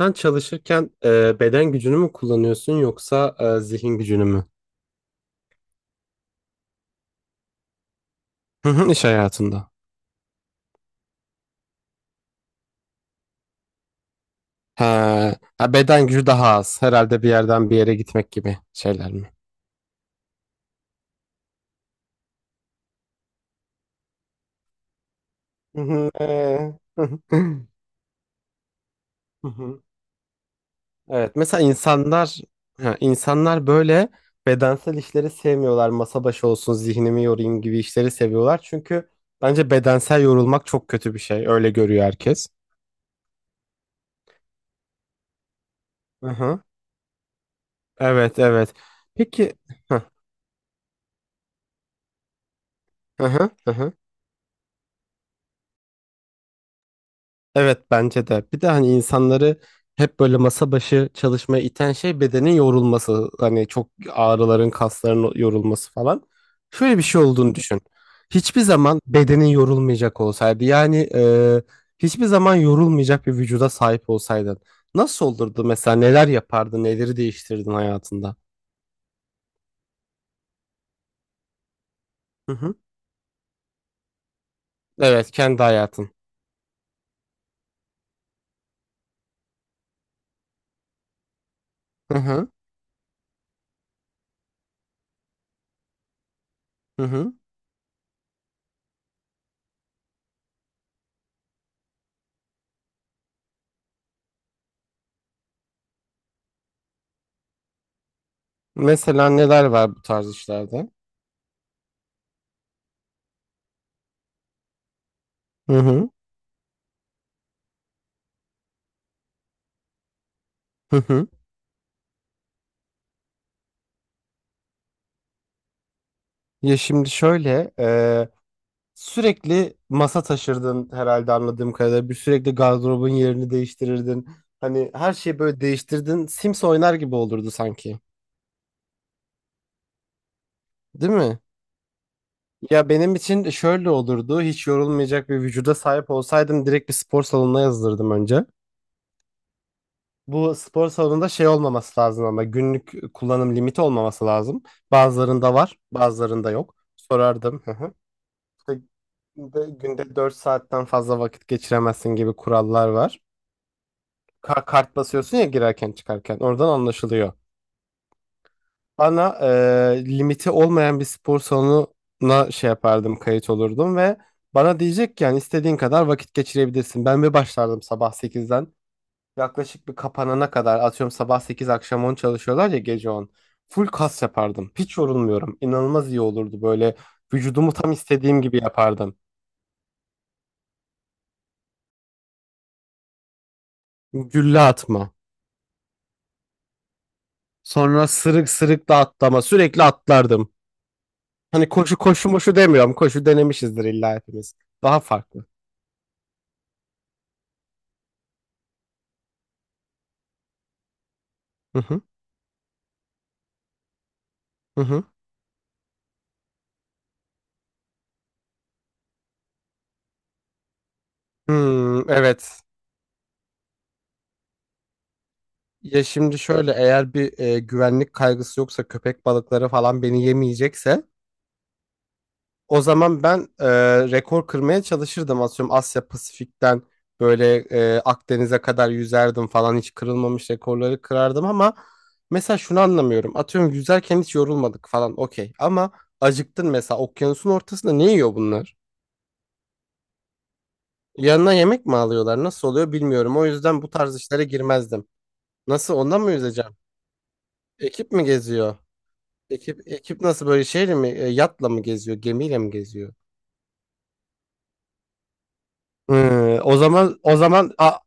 Sen çalışırken beden gücünü mü kullanıyorsun yoksa zihin gücünü mü? Hı hı, iş hayatında. Ha, ha, beden gücü daha az. Herhalde bir yerden bir yere gitmek gibi şeyler mi? Hı hı, hı hı, hı hı. Evet, mesela insanlar ha, insanlar böyle bedensel işleri sevmiyorlar. Masa başı olsun, zihnimi yorayım gibi işleri seviyorlar. Çünkü bence bedensel yorulmak çok kötü bir şey. Öyle görüyor herkes. Hı hı. Evet, evet. Peki. Hı hı, hı hı. Evet bence de. Bir de hani insanları hep böyle masa başı çalışmaya iten şey bedenin yorulması. Hani çok ağrıların, kasların yorulması falan. Şöyle bir şey olduğunu düşün. Hiçbir zaman bedenin yorulmayacak olsaydı yani hiçbir zaman yorulmayacak bir vücuda sahip olsaydın. Nasıl olurdu mesela neler yapardın, neleri değiştirdin hayatında? Hı hı. Evet kendi hayatın. Hı hı. Hı hı. Mesela neler var bu tarz işlerde? Hı hı. Hı hı. Ya şimdi şöyle, sürekli masa taşırdın herhalde anladığım kadarıyla. Bir sürekli gardırobun yerini değiştirirdin. Hani her şeyi böyle değiştirdin. Sims oynar gibi olurdu sanki. Değil mi? Ya benim için şöyle olurdu. Hiç yorulmayacak bir vücuda sahip olsaydım direkt bir spor salonuna yazılırdım önce. Bu spor salonunda şey olmaması lazım ama günlük kullanım limiti olmaması lazım. Bazılarında var, bazılarında yok. Sorardım. Hı hı. İşte günde 4 saatten fazla vakit geçiremezsin gibi kurallar var. Kart basıyorsun ya girerken çıkarken oradan anlaşılıyor. Bana limiti olmayan bir spor salonuna şey yapardım, kayıt olurdum ve bana diyecek ki yani istediğin kadar vakit geçirebilirsin. Ben bir başlardım sabah sekizden yaklaşık bir kapanana kadar, atıyorum sabah 8 akşam 10 çalışıyorlar ya, gece on. Full kas yapardım. Hiç yorulmuyorum. İnanılmaz iyi olurdu böyle, vücudumu tam istediğim gibi yapardım. Gülle atma. Sonra sırık sırık da atlama sürekli atlardım. Hani koşu koşu moşu demiyorum. Koşu denemişizdir illa hepimiz. Daha farklı. Hı hı. Hı hı. Hmm, evet. Ya şimdi şöyle, eğer bir güvenlik kaygısı yoksa, köpek balıkları falan beni yemeyecekse, o zaman ben rekor kırmaya çalışırdım. Atıyorum Asya Pasifik'ten böyle Akdeniz'e kadar yüzerdim falan, hiç kırılmamış rekorları kırardım ama mesela şunu anlamıyorum. Atıyorum yüzerken hiç yorulmadık falan, okey, ama acıktın mesela okyanusun ortasında, ne yiyor bunlar? Yanına yemek mi alıyorlar? Nasıl oluyor bilmiyorum. O yüzden bu tarz işlere girmezdim. Nasıl, ondan mı yüzeceğim? Ekip mi geziyor? Ekip ekip nasıl böyle şeyle mi yatla mı geziyor? Gemiyle mi geziyor? Hı, o zaman o zaman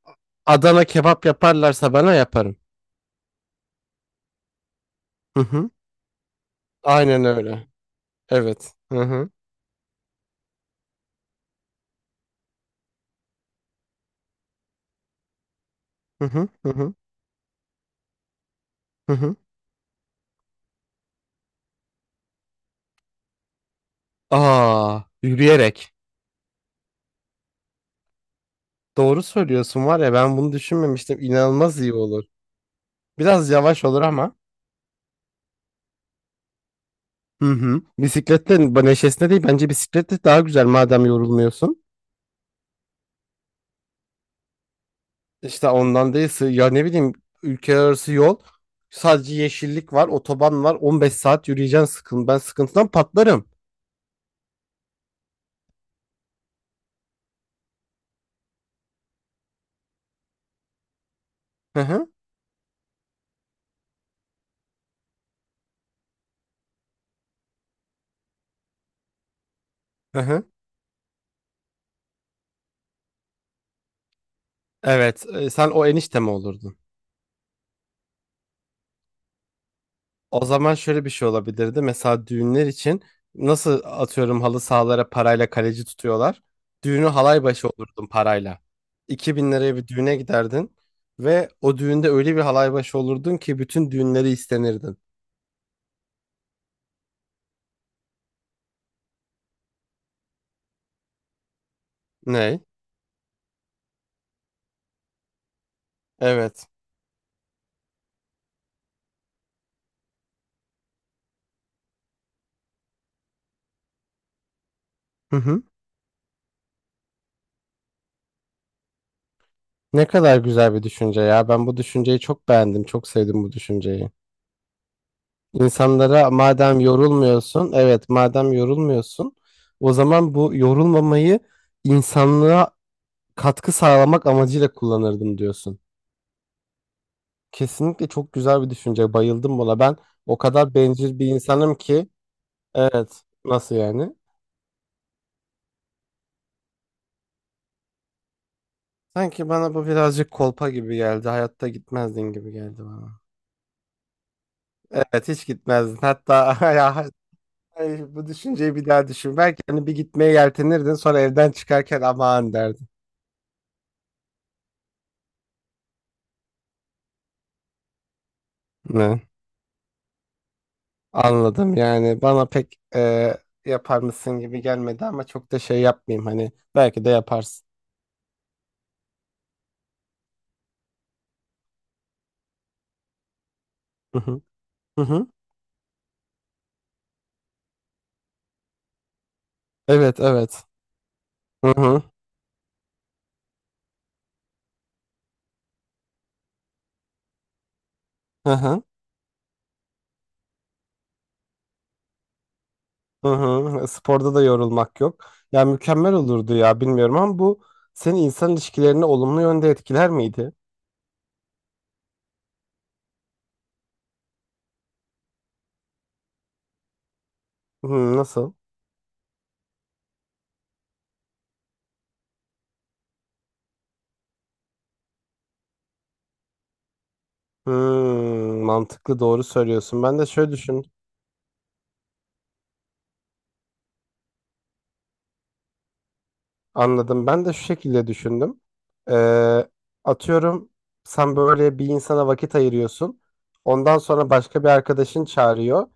Adana kebap yaparlarsa bana, yaparım. Hı hı. Aynen öyle. Evet. Hı hı. Hı hı. Hı hı. Hı hı. Aa, yürüyerek. Doğru söylüyorsun var ya, ben bunu düşünmemiştim. İnanılmaz iyi olur. Biraz yavaş olur ama. Hı hı. Bisikletle neşesine değil, bence bisikletle daha güzel madem yorulmuyorsun. İşte ondan değil ya ne bileyim, ülke arası yol, sadece yeşillik var, otoban var, 15 saat yürüyeceksin sıkın, ben sıkıntıdan patlarım. Hı hı. Hı hı. Evet, sen o enişte mi olurdun? O zaman şöyle bir şey olabilirdi. Mesela düğünler için, nasıl atıyorum halı sahalara parayla kaleci tutuyorlar, düğünü halay başı olurdun parayla. 2000 liraya bir düğüne giderdin ve o düğünde öyle bir halay başı olurdun ki bütün düğünleri istenirdin. Ne? Evet. Hı hı. Ne kadar güzel bir düşünce ya. Ben bu düşünceyi çok beğendim. Çok sevdim bu düşünceyi. İnsanlara, madem yorulmuyorsun, evet madem yorulmuyorsun, o zaman bu yorulmamayı insanlığa katkı sağlamak amacıyla kullanırdım diyorsun. Kesinlikle çok güzel bir düşünce. Bayıldım buna. Ben o kadar bencil bir insanım ki, evet. Nasıl yani? Sanki bana bu birazcık kolpa gibi geldi. Hayatta gitmezdin gibi geldi bana. Evet hiç gitmezdin. Hatta ya ay, bu düşünceyi bir daha düşün. Belki hani bir gitmeye yeltenirdin, sonra evden çıkarken aman derdin. Ne? Anladım, yani bana pek yapar mısın gibi gelmedi ama çok da şey yapmayayım, hani belki de yaparsın. Hı hı. Hı hı. Evet, evet. Hı hı, hı hı, hı hı. Sporda da yorulmak yok. Ya mükemmel olurdu ya, bilmiyorum ama bu, senin insan ilişkilerini olumlu yönde etkiler miydi? Hı, nasıl? Hmm, mantıklı, doğru söylüyorsun. Ben de şöyle düşün, anladım. Ben de şu şekilde düşündüm. Ee, atıyorum sen böyle bir insana vakit ayırıyorsun. Ondan sonra başka bir arkadaşın çağırıyor.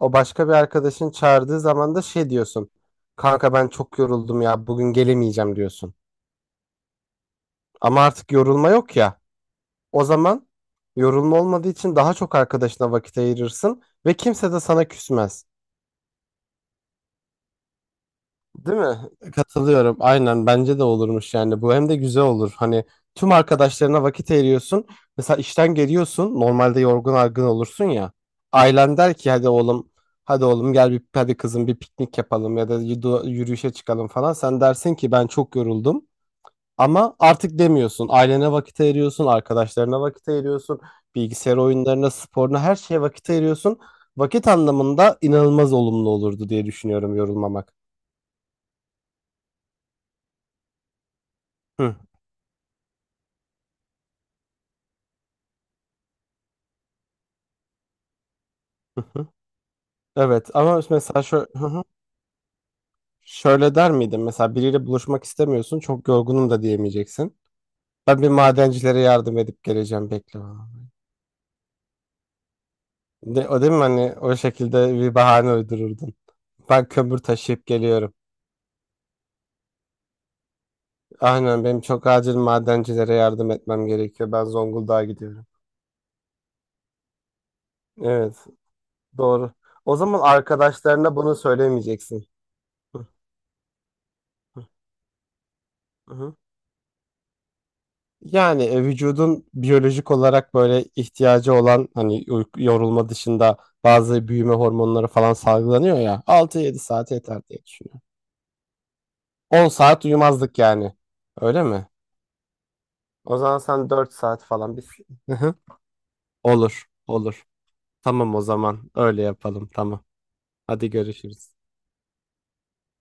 O başka bir arkadaşın çağırdığı zaman da şey diyorsun. Kanka ben çok yoruldum ya, bugün gelemeyeceğim, diyorsun. Ama artık yorulma yok ya. O zaman, yorulma olmadığı için daha çok arkadaşına vakit ayırırsın ve kimse de sana küsmez. Değil mi? Katılıyorum. Aynen bence de olurmuş yani. Bu hem de güzel olur. Hani tüm arkadaşlarına vakit ayırıyorsun. Mesela işten geliyorsun. Normalde yorgun argın olursun ya. Ailen der ki hadi oğlum, hadi oğlum, gel bir, hadi kızım bir piknik yapalım ya da yürüyüşe çıkalım falan. Sen dersin ki ben çok yoruldum. Ama artık demiyorsun. Ailene vakit ayırıyorsun, arkadaşlarına vakit ayırıyorsun, bilgisayar oyunlarına, sporuna, her şeye vakit ayırıyorsun. Vakit anlamında inanılmaz olumlu olurdu diye düşünüyorum yorulmamak. Hı, hı, hı. Evet ama mesela şöyle, şöyle der miydin? Mesela biriyle buluşmak istemiyorsun, çok yorgunum da diyemeyeceksin. "Ben bir madencilere yardım edip geleceğim, bekle bana." De, o değil mi, hani o şekilde bir bahane uydururdun. Ben kömür taşıyıp geliyorum. Aynen, benim çok acil madencilere yardım etmem gerekiyor. Ben Zonguldak'a gidiyorum. Evet, doğru. O zaman arkadaşlarına bunu söylemeyeceksin. Hı, hı, hı. Yani vücudun biyolojik olarak böyle ihtiyacı olan, hani yorulma dışında bazı büyüme hormonları falan salgılanıyor ya, altı yedi saat yeter diye düşünüyorum. 10 saat uyumazdık yani. Öyle mi? O zaman sen 4 saat falan bir... Hı hı. Olur, olur. Tamam o zaman öyle yapalım, tamam. Hadi görüşürüz.